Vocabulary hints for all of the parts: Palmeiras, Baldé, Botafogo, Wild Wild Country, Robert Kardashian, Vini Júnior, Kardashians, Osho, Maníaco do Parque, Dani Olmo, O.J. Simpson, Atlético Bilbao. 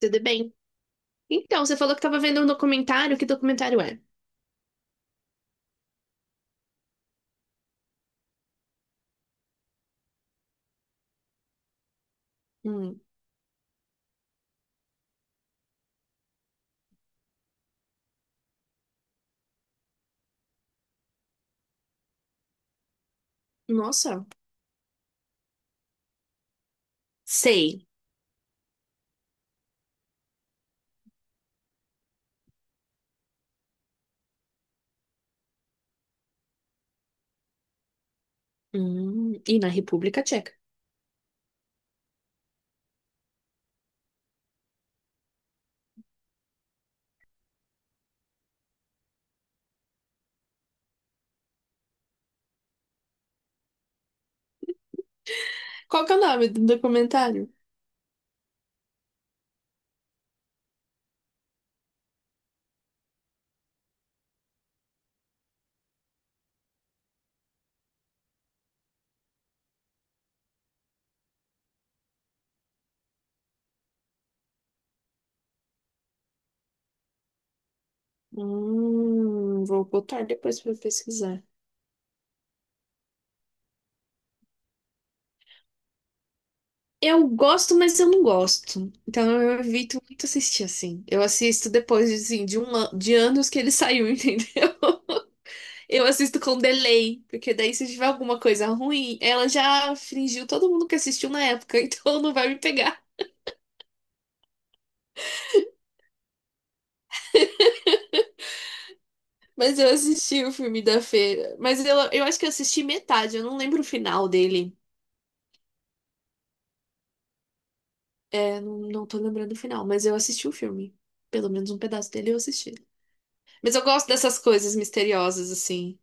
Tudo bem? Então, você falou que estava vendo um documentário. Que documentário é? Hum, nossa, sei. E na República Tcheca. Qual que é o nome do documentário? Vou botar depois para pesquisar. Eu gosto, mas eu não gosto. Então eu evito muito assistir assim. Eu assisto depois assim, de anos que ele saiu, entendeu? Eu assisto com delay, porque daí se tiver alguma coisa ruim, ela já fingiu todo mundo que assistiu na época, então não vai me pegar. Mas eu assisti o filme da Feira. Mas eu acho que eu assisti metade, eu não lembro o final dele. É, não tô lembrando o final, mas eu assisti o filme. Pelo menos um pedaço dele eu assisti. Mas eu gosto dessas coisas misteriosas, assim.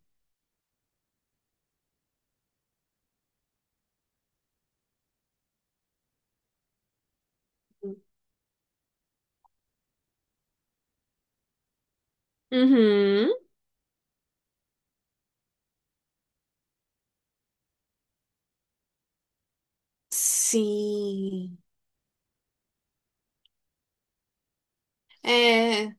Uhum. Sim. É,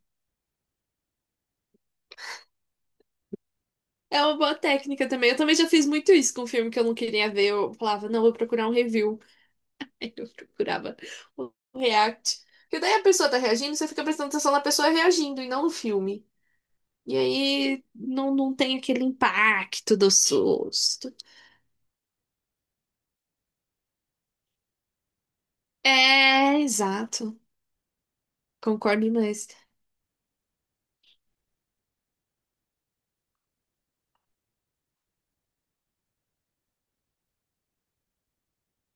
é uma boa técnica também. Eu também já fiz muito isso com um filme que eu não queria ver. Eu falava, não, vou procurar um review. Aí eu procurava o react. Porque daí a pessoa tá reagindo, você fica prestando atenção na pessoa reagindo e não no filme. E aí não tem aquele impacto do susto. É, exato. Concordo demais.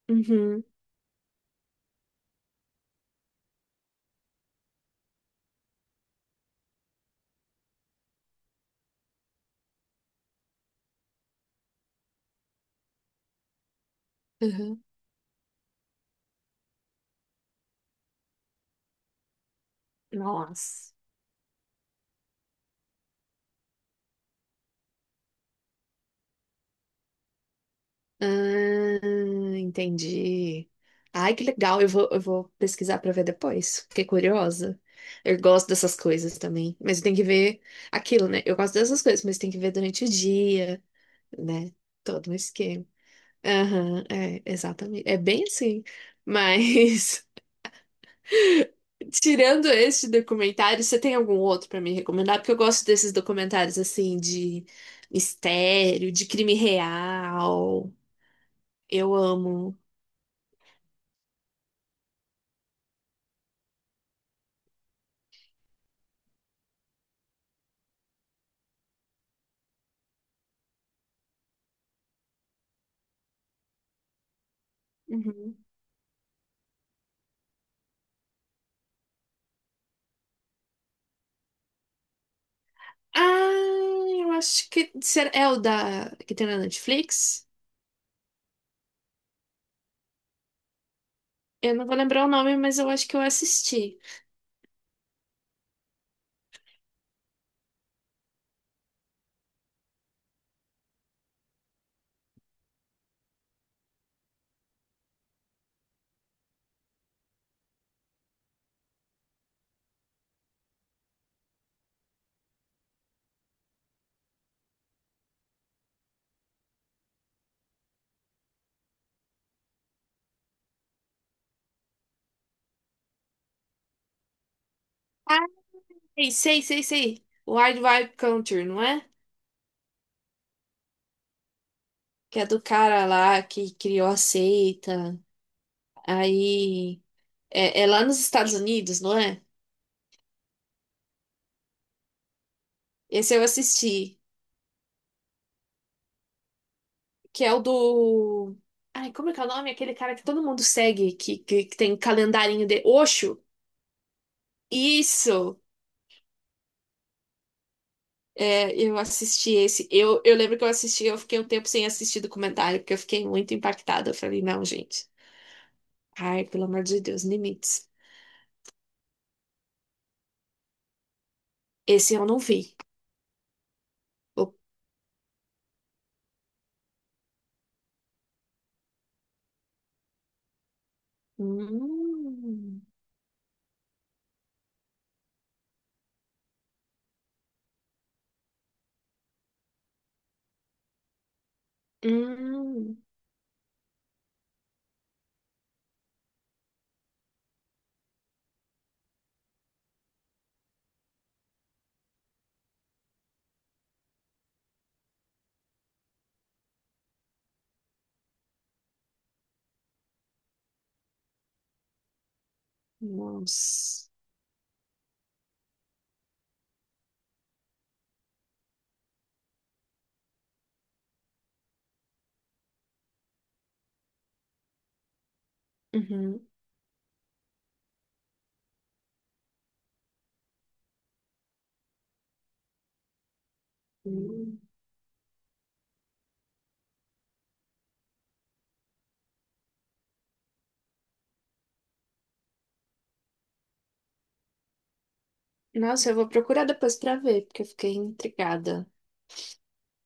Uhum, uhum. Nossa. Ah, entendi. Ai, que legal. Eu vou pesquisar para ver depois. Fiquei curiosa. Eu gosto dessas coisas também. Mas tem que ver aquilo, né? Eu gosto dessas coisas, mas tem que ver durante o dia, né? Todo um esquema. Aham, é, exatamente. É bem assim. Mas. Tirando este documentário, você tem algum outro pra me recomendar? Porque eu gosto desses documentários assim de mistério, de crime real. Eu amo. Uhum. Ah, eu acho que é o da que tem na Netflix. Eu não vou lembrar o nome, mas eu acho que eu assisti. Ah, sei, sei, sei, sei. Wild Wild Country, não é? Que é do cara lá que criou a seita. Aí é, é lá nos Estados Unidos, não é? Esse eu assisti. Que é o do. Ai, como é que é o nome? Aquele cara que todo mundo segue, que tem calendarinho de Osho. Isso! É, eu assisti esse. Eu lembro que eu assisti, eu fiquei um tempo sem assistir documentário, porque eu fiquei muito impactada. Eu falei, não, gente. Ai, pelo amor de Deus, limites. Esse eu não vi. Eu- Hum, hum, nossa. Uhum. Hum. Nossa, eu vou procurar depois pra ver, porque eu fiquei intrigada.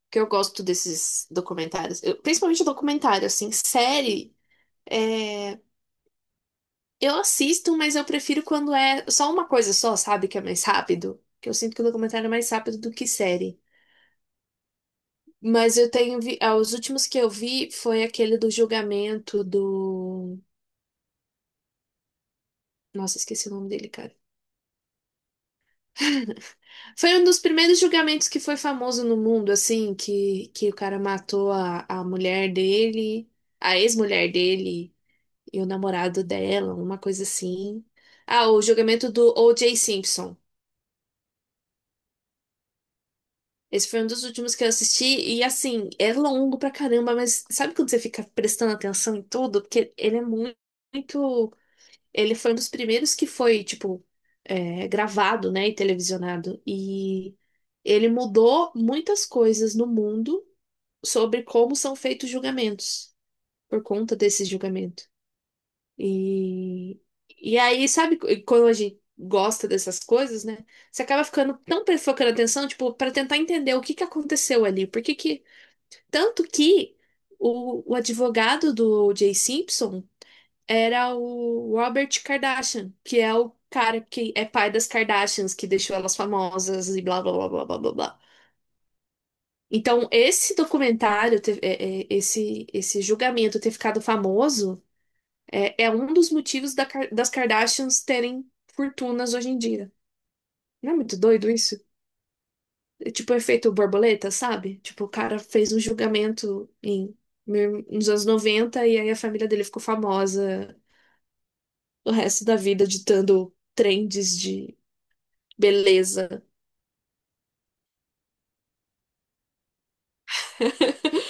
Que eu gosto desses documentários. Principalmente documentário, assim, série. É, eu assisto, mas eu prefiro quando é só uma coisa só, sabe? Que é mais rápido. Que eu sinto que o documentário é mais rápido do que série. Mas eu tenho ah, os últimos que eu vi foi aquele do julgamento do. Nossa, esqueci o nome dele, cara. Foi um dos primeiros julgamentos que foi famoso no mundo, assim, que o cara matou a mulher dele, a ex-mulher dele, e o namorado dela, uma coisa assim. Ah, o julgamento do O.J. Simpson. Esse foi um dos últimos que eu assisti, e assim, é longo pra caramba, mas sabe quando você fica prestando atenção em tudo? Porque ele é muito. muito- Ele foi um dos primeiros que foi, tipo, é, gravado, né, e televisionado. E ele mudou muitas coisas no mundo sobre como são feitos julgamentos, por conta desses julgamentos. E, e aí, sabe, quando a gente gosta dessas coisas, né? Você acaba ficando tão focando atenção, tipo, para tentar entender o que que aconteceu ali. Por que que. Tanto que o advogado do O.J. Simpson era o Robert Kardashian, que é o cara que é pai das Kardashians, que deixou elas famosas e blá blá blá blá blá blá, blá. Então, esse documentário, esse julgamento ter ficado famoso. É, é um dos motivos da das Kardashians terem fortunas hoje em dia. Não é muito doido isso? É tipo o efeito borboleta, sabe? Tipo, o cara fez um julgamento nos anos 90 e aí a família dele ficou famosa o resto da vida ditando trends de beleza.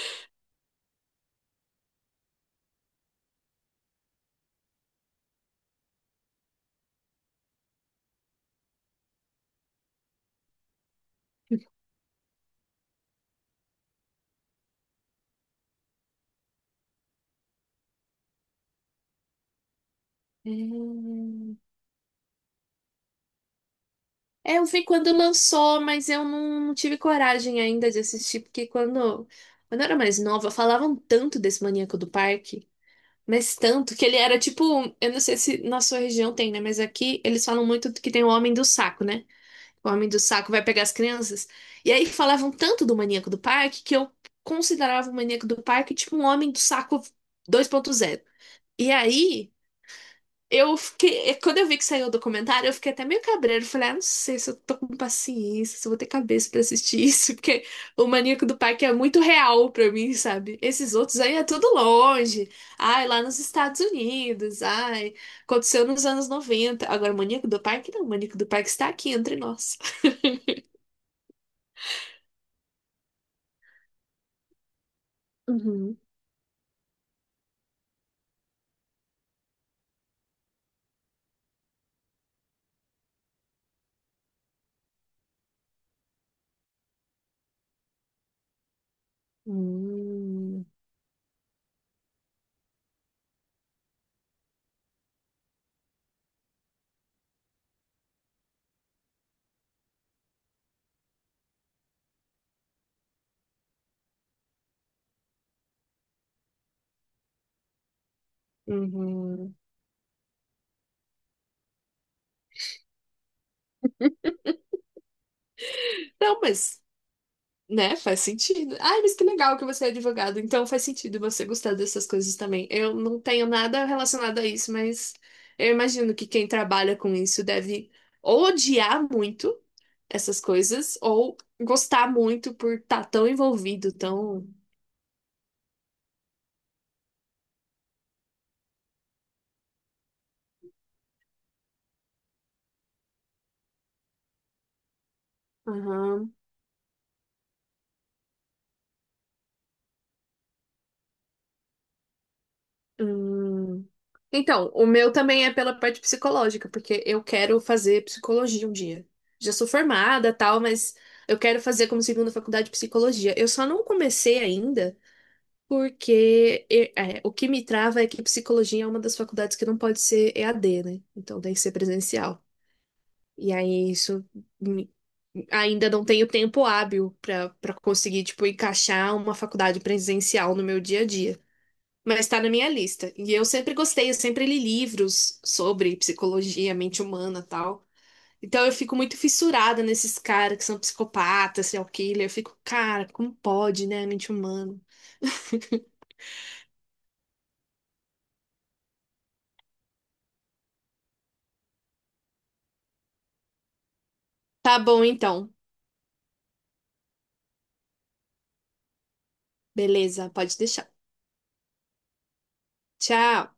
Hum. É, eu vi quando lançou, mas eu não, não tive coragem ainda de assistir, porque quando eu era mais nova, falavam tanto desse Maníaco do Parque. Mas tanto que ele era tipo, eu não sei se na sua região tem, né? Mas aqui eles falam muito que tem o homem do saco, né? O homem do saco vai pegar as crianças. E aí falavam tanto do maníaco do parque que eu considerava o maníaco do parque tipo um homem do saco 2.0. E aí eu fiquei. Quando eu vi que saiu o documentário, eu fiquei até meio cabreiro. Falei, ah, não sei se eu tô com paciência, se eu vou ter cabeça pra assistir isso, porque o Maníaco do Parque é muito real pra mim, sabe? Esses outros aí é tudo longe. Ai, lá nos Estados Unidos. Ai, aconteceu nos anos noventa. Agora, o Maníaco do Parque não. O Maníaco do Parque está aqui entre nós. Uhum. Hum. Uhum. Não, mas né? Faz sentido. Ai, mas que legal que você é advogado. Então faz sentido você gostar dessas coisas também. Eu não tenho nada relacionado a isso, mas eu imagino que quem trabalha com isso deve ou odiar muito essas coisas ou gostar muito por estar tão envolvido, tão. Aham. Hum. Então, o meu também é pela parte psicológica, porque eu quero fazer psicologia um dia. Já sou formada, tal, mas eu quero fazer como segunda faculdade de psicologia. Eu só não comecei ainda. Porque o que me trava é que psicologia é uma das faculdades que não pode ser EAD, né? Então tem que ser presencial. E aí isso me- ainda não tenho tempo hábil para conseguir tipo encaixar uma faculdade presencial no meu dia a dia. Mas está na minha lista. E eu sempre gostei, eu sempre li livros sobre psicologia, mente humana, tal. Então eu fico muito fissurada nesses caras que são psicopatas, serial killer. Eu fico, cara, como pode, né, a mente humana? Tá bom, então. Beleza, pode deixar. Tchau!